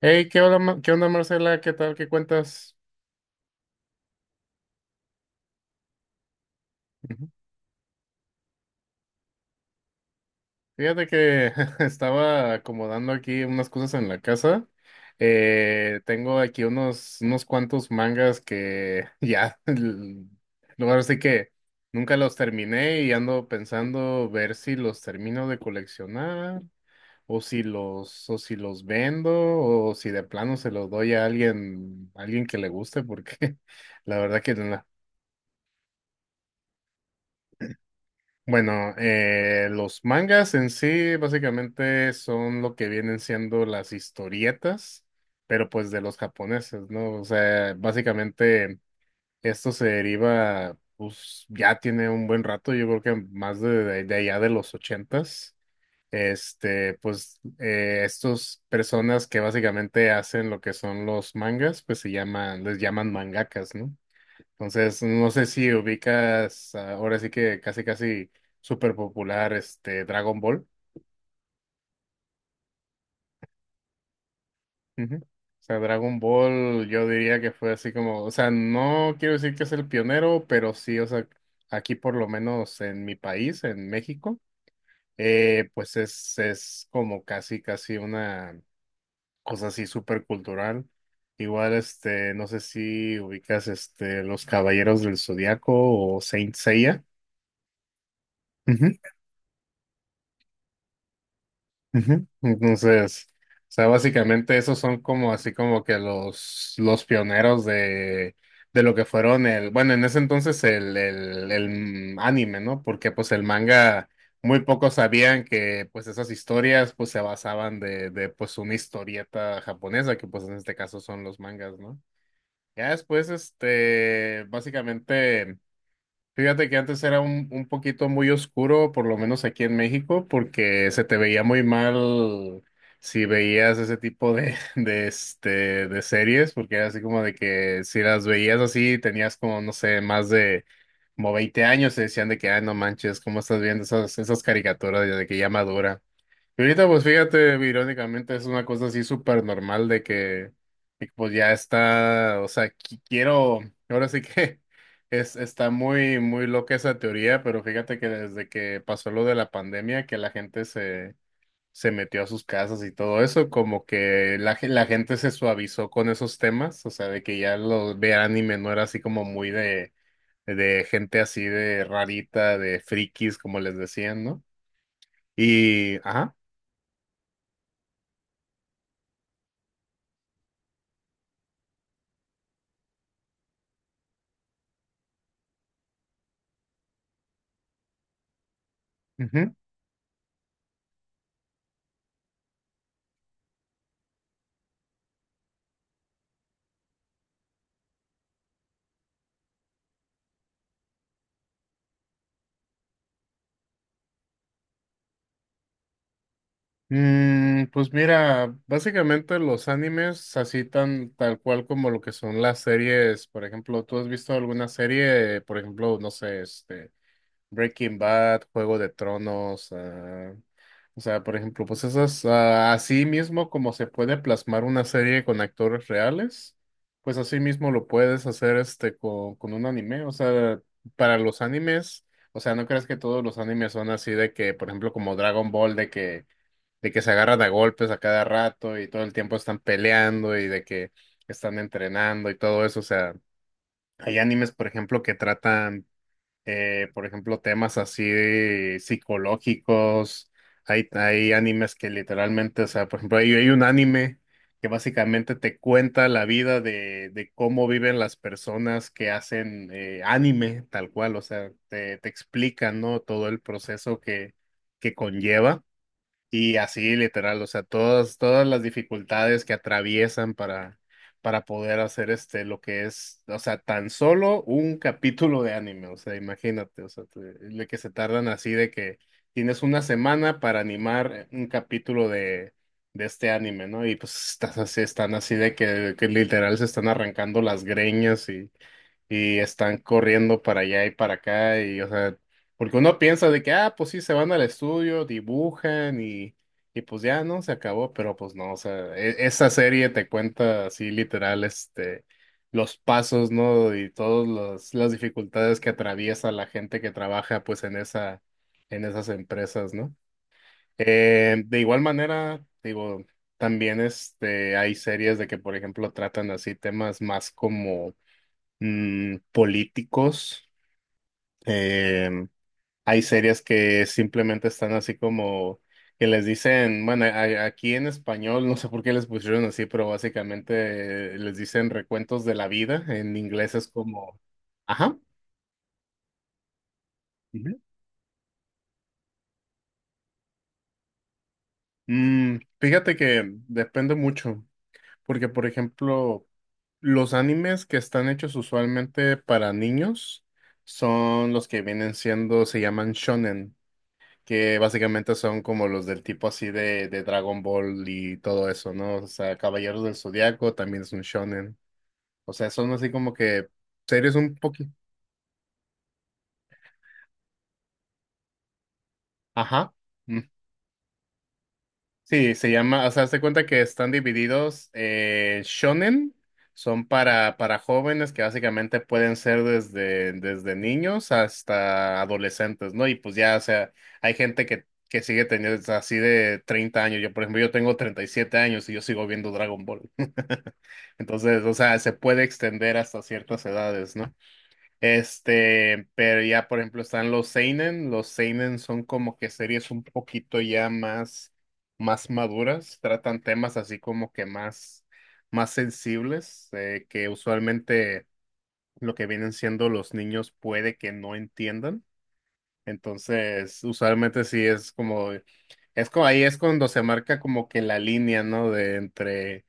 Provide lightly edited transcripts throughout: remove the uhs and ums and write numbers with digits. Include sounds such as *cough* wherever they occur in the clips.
Hey, ¿qué onda, qué onda, Marcela? ¿Qué tal? ¿Qué cuentas? Ujú. Fíjate que *laughs* estaba acomodando aquí unas cosas en la casa. Tengo aquí unos cuantos mangas que *laughs* ahora sí que nunca los terminé y ando pensando ver si los termino de coleccionar o si o si los vendo o si de plano se los doy a alguien que le guste porque *laughs* la verdad que no. Bueno, los mangas en sí básicamente son lo que vienen siendo las historietas, pero pues de los japoneses, ¿no? O sea, básicamente esto se deriva, pues ya tiene un buen rato, yo creo que más de allá de los ochentas, pues estas personas que básicamente hacen lo que son los mangas, pues se llaman, les llaman mangakas, ¿no? Entonces, no sé si ubicas ah, ahora sí que casi casi súper popular este Dragon Ball. Ujú. O sea, Dragon Ball yo diría que fue así como, o sea, no quiero decir que es el pionero, pero sí, o sea, aquí por lo menos en mi país, en México, pues es como casi casi una cosa así súper cultural. Igual, no sé si ubicas este Los Caballeros del Zodiaco o Saint Seiya. Ujú. Entonces, o sea, básicamente esos son como así como que los pioneros de lo que fueron el, bueno, en ese entonces el anime, ¿no? Porque pues el manga, muy pocos sabían que pues esas historias pues se basaban de pues una historieta japonesa, que pues en este caso son los mangas, ¿no? Ya después, básicamente... Fíjate que antes era un poquito muy oscuro, por lo menos aquí en México, porque se te veía muy mal si veías ese tipo de, *laughs* de series, porque era así como de que si las veías así, tenías como, no sé, más de como 20 años, se decían de que, ay, no manches, ¿cómo estás viendo esas caricaturas de que ya madura? Ahorita, pues fíjate, irónicamente es una cosa así súper normal de que, pues ya está, o sea, quiero, ahora sí que *laughs* está muy, muy loca esa teoría, pero fíjate que desde que pasó lo de la pandemia, que se metió a sus casas y todo eso, como que la gente se suavizó con esos temas, o sea, de que ya lo de anime no era así como muy de gente así de rarita, de frikis, como les decían, ¿no? Y, ajá. Mm, pues mira, básicamente los animes así tan tal cual como lo que son las series, por ejemplo, ¿tú has visto alguna serie, por ejemplo, no sé, este Breaking Bad, Juego de Tronos, ah, o sea, por ejemplo, pues esas ah, así mismo como se puede plasmar una serie con actores reales, pues así mismo lo puedes hacer este con un anime, o sea, para los animes, o sea, no creas que todos los animes son así de que, por ejemplo, como Dragon Ball de que se agarran a golpes a cada rato y todo el tiempo están peleando y de que están entrenando y todo eso. O sea, hay animes, por ejemplo, que tratan, por ejemplo, temas así de psicológicos. Hay animes que literalmente, o sea, por ejemplo, hay un anime que básicamente te cuenta la vida de cómo viven las personas que hacen anime, tal cual, o sea, te explican, ¿no? Todo el proceso que conlleva. Y así, literal, o sea, todas las dificultades que atraviesan para poder hacer este, lo que es, o sea, tan solo un capítulo de anime, o sea, imagínate, o sea, de que se tardan así de que tienes una semana para animar un capítulo de este anime, ¿no? Y pues estás así, están así de que literal se están arrancando las greñas y están corriendo para allá y para acá y, o sea, porque uno piensa de que, ah, pues sí, se van al estudio, dibujan y pues ya, ¿no? Se acabó, pero pues no, o sea, esa serie te cuenta así literal, los pasos, ¿no? Y todas las dificultades que atraviesa la gente que trabaja, pues, en esa, en esas empresas, ¿no? De igual manera, digo, también, hay series de que, por ejemplo, tratan así temas más como mm, políticos. Em, hay series que simplemente están así como que les dicen, bueno, aquí en español, no sé por qué les pusieron así, pero básicamente les dicen recuentos de la vida. En inglés es como, ajá. Ujú. Mm, fíjate que depende mucho, porque por ejemplo, los animes que están hechos usualmente para niños son los que vienen siendo, se llaman shonen, que básicamente son como los del tipo así de Dragon Ball y todo eso, ¿no? O sea, Caballeros del Zodiaco también es un shonen. O sea, son así como que series un poquito. Ajá. Sí, se llama, o sea, se cuenta que están divididos shonen, son para jóvenes que básicamente pueden ser desde niños hasta adolescentes, ¿no? Y pues ya, o sea, hay gente que sigue teniendo o sea, así de 30 años. Yo, por ejemplo, yo tengo 37 años y yo sigo viendo Dragon Ball. *laughs* Entonces, o sea, se puede extender hasta ciertas edades, ¿no? Pero ya por ejemplo están los seinen son como que series un poquito ya más más maduras, tratan temas así como que más más sensibles que usualmente lo que vienen siendo los niños puede que no entiendan. Entonces, usualmente sí es como ahí es cuando se marca como que la línea, ¿no?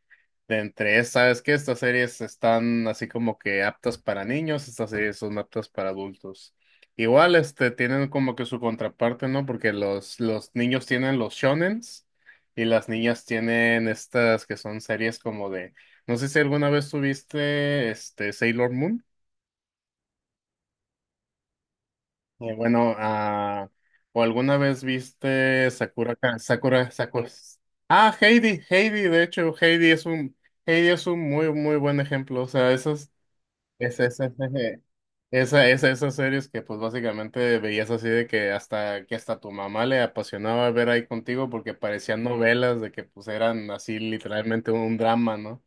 De entre, sabes que estas series están así como que aptas para niños, estas series son aptas para adultos. Igual, tienen como que su contraparte, ¿no? Porque los niños tienen los shonens y las niñas tienen estas que son series como de, no sé si alguna vez tuviste, este, Sailor Moon. Eh, bueno, ah, o alguna vez viste Sakura, Sakura. Ah, Heidi, Heidi, de hecho, Heidi es un muy, muy buen ejemplo. O sea, esas, Es, es- es- es- esas series que pues básicamente veías así de que hasta tu mamá le apasionaba ver ahí contigo porque parecían novelas de que pues eran así literalmente un drama, ¿no?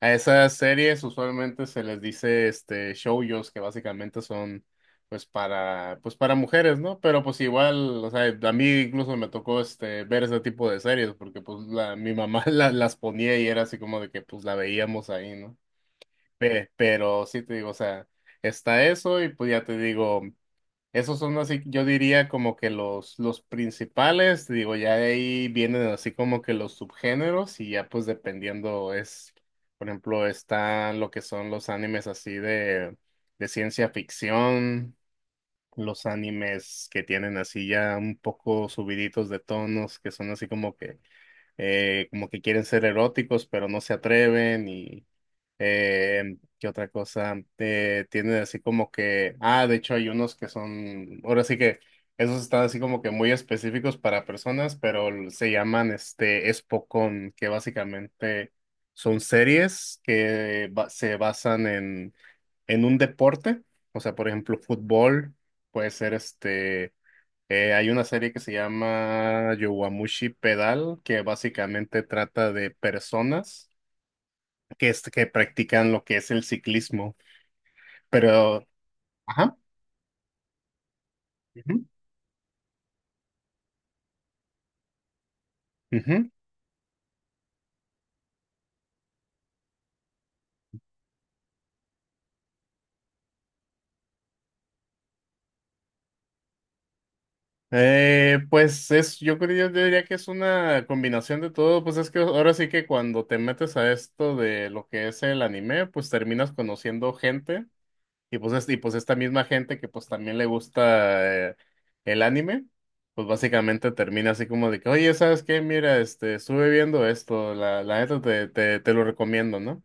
A esas series usualmente se les dice este shoujos que básicamente son pues para pues para mujeres, ¿no? Pero pues igual, o sea, a mí incluso me tocó este ver ese tipo de series porque pues la, mi mamá *laughs* las ponía y era así como de que pues la veíamos ahí, ¿no? Ve, pero sí te digo, o sea, está eso y pues ya te digo, esos son así, yo diría como que los principales, te digo, ya de ahí vienen así como que los subgéneros y ya pues dependiendo es, por ejemplo, están lo que son los animes así de ciencia ficción, los animes que tienen así ya un poco subiditos de tonos, que son así como que quieren ser eróticos, pero no se atreven y ¿qué otra cosa? Tienen así como que, ah, de hecho hay unos que son, ahora sí que esos están así como que muy específicos para personas, pero se llaman este Espocón, que básicamente son series que se basan en un deporte, o sea, por ejemplo, fútbol, puede ser este. Hay una serie que se llama Yowamushi Pedal, que básicamente trata de personas que, que practican lo que es el ciclismo. Pero, ajá. Ujú, ujú. Pues es, yo creo, yo diría que es una combinación de todo. Pues es que ahora sí que cuando te metes a esto de lo que es el anime, pues terminas conociendo gente. Y pues, y pues esta misma gente que pues también le gusta el anime, pues básicamente termina así como de que, oye, ¿sabes qué? Mira, estuve viendo esto, la neta te lo recomiendo, ¿no?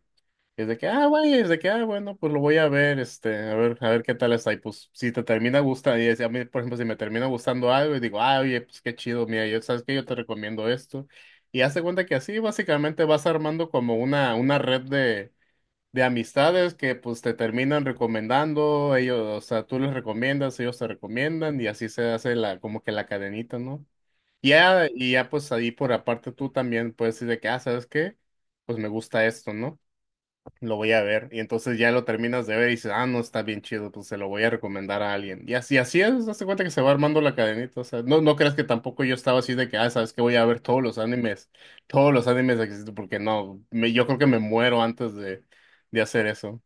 Y es de que, ah, güey, es de que, ah, bueno, pues lo voy a ver, este, a ver qué tal está. Y pues si te termina gustando, a mí, por ejemplo, si me termina gustando algo y digo, ah, oye, pues qué chido, mira, yo, ¿sabes qué? Yo te recomiendo esto. Y hace cuenta que así básicamente vas armando como una red de amistades que pues te terminan recomendando, ellos, o sea, tú les recomiendas, ellos te recomiendan y así se hace la, como que la cadenita, ¿no? Y ya pues ahí por aparte tú también puedes decir de que, ah, ¿sabes qué? Pues me gusta esto, ¿no? Lo voy a ver. Y entonces ya lo terminas de ver y dices, ah, no, está bien chido, pues se lo voy a recomendar a alguien. Y así, así es, hazte cuenta que se va armando la cadenita. O sea, no, no creas que tampoco yo estaba así de que, ah, ¿sabes qué? Voy a ver todos los animes que existen, porque no, yo creo que me muero antes de hacer eso.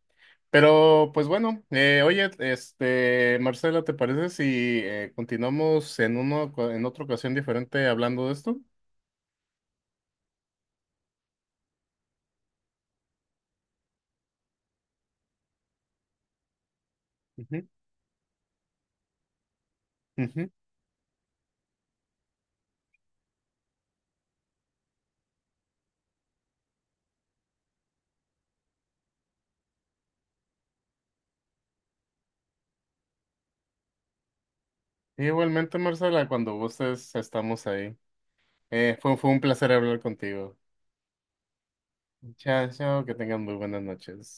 Pero pues bueno, oye, Marcela, ¿te parece si continuamos en uno, en otra ocasión diferente hablando de esto? Ujú, ujú. Igualmente, Marcela, cuando gustes, estamos ahí. Fue un placer hablar contigo. Chao, chao, que tengan muy buenas noches.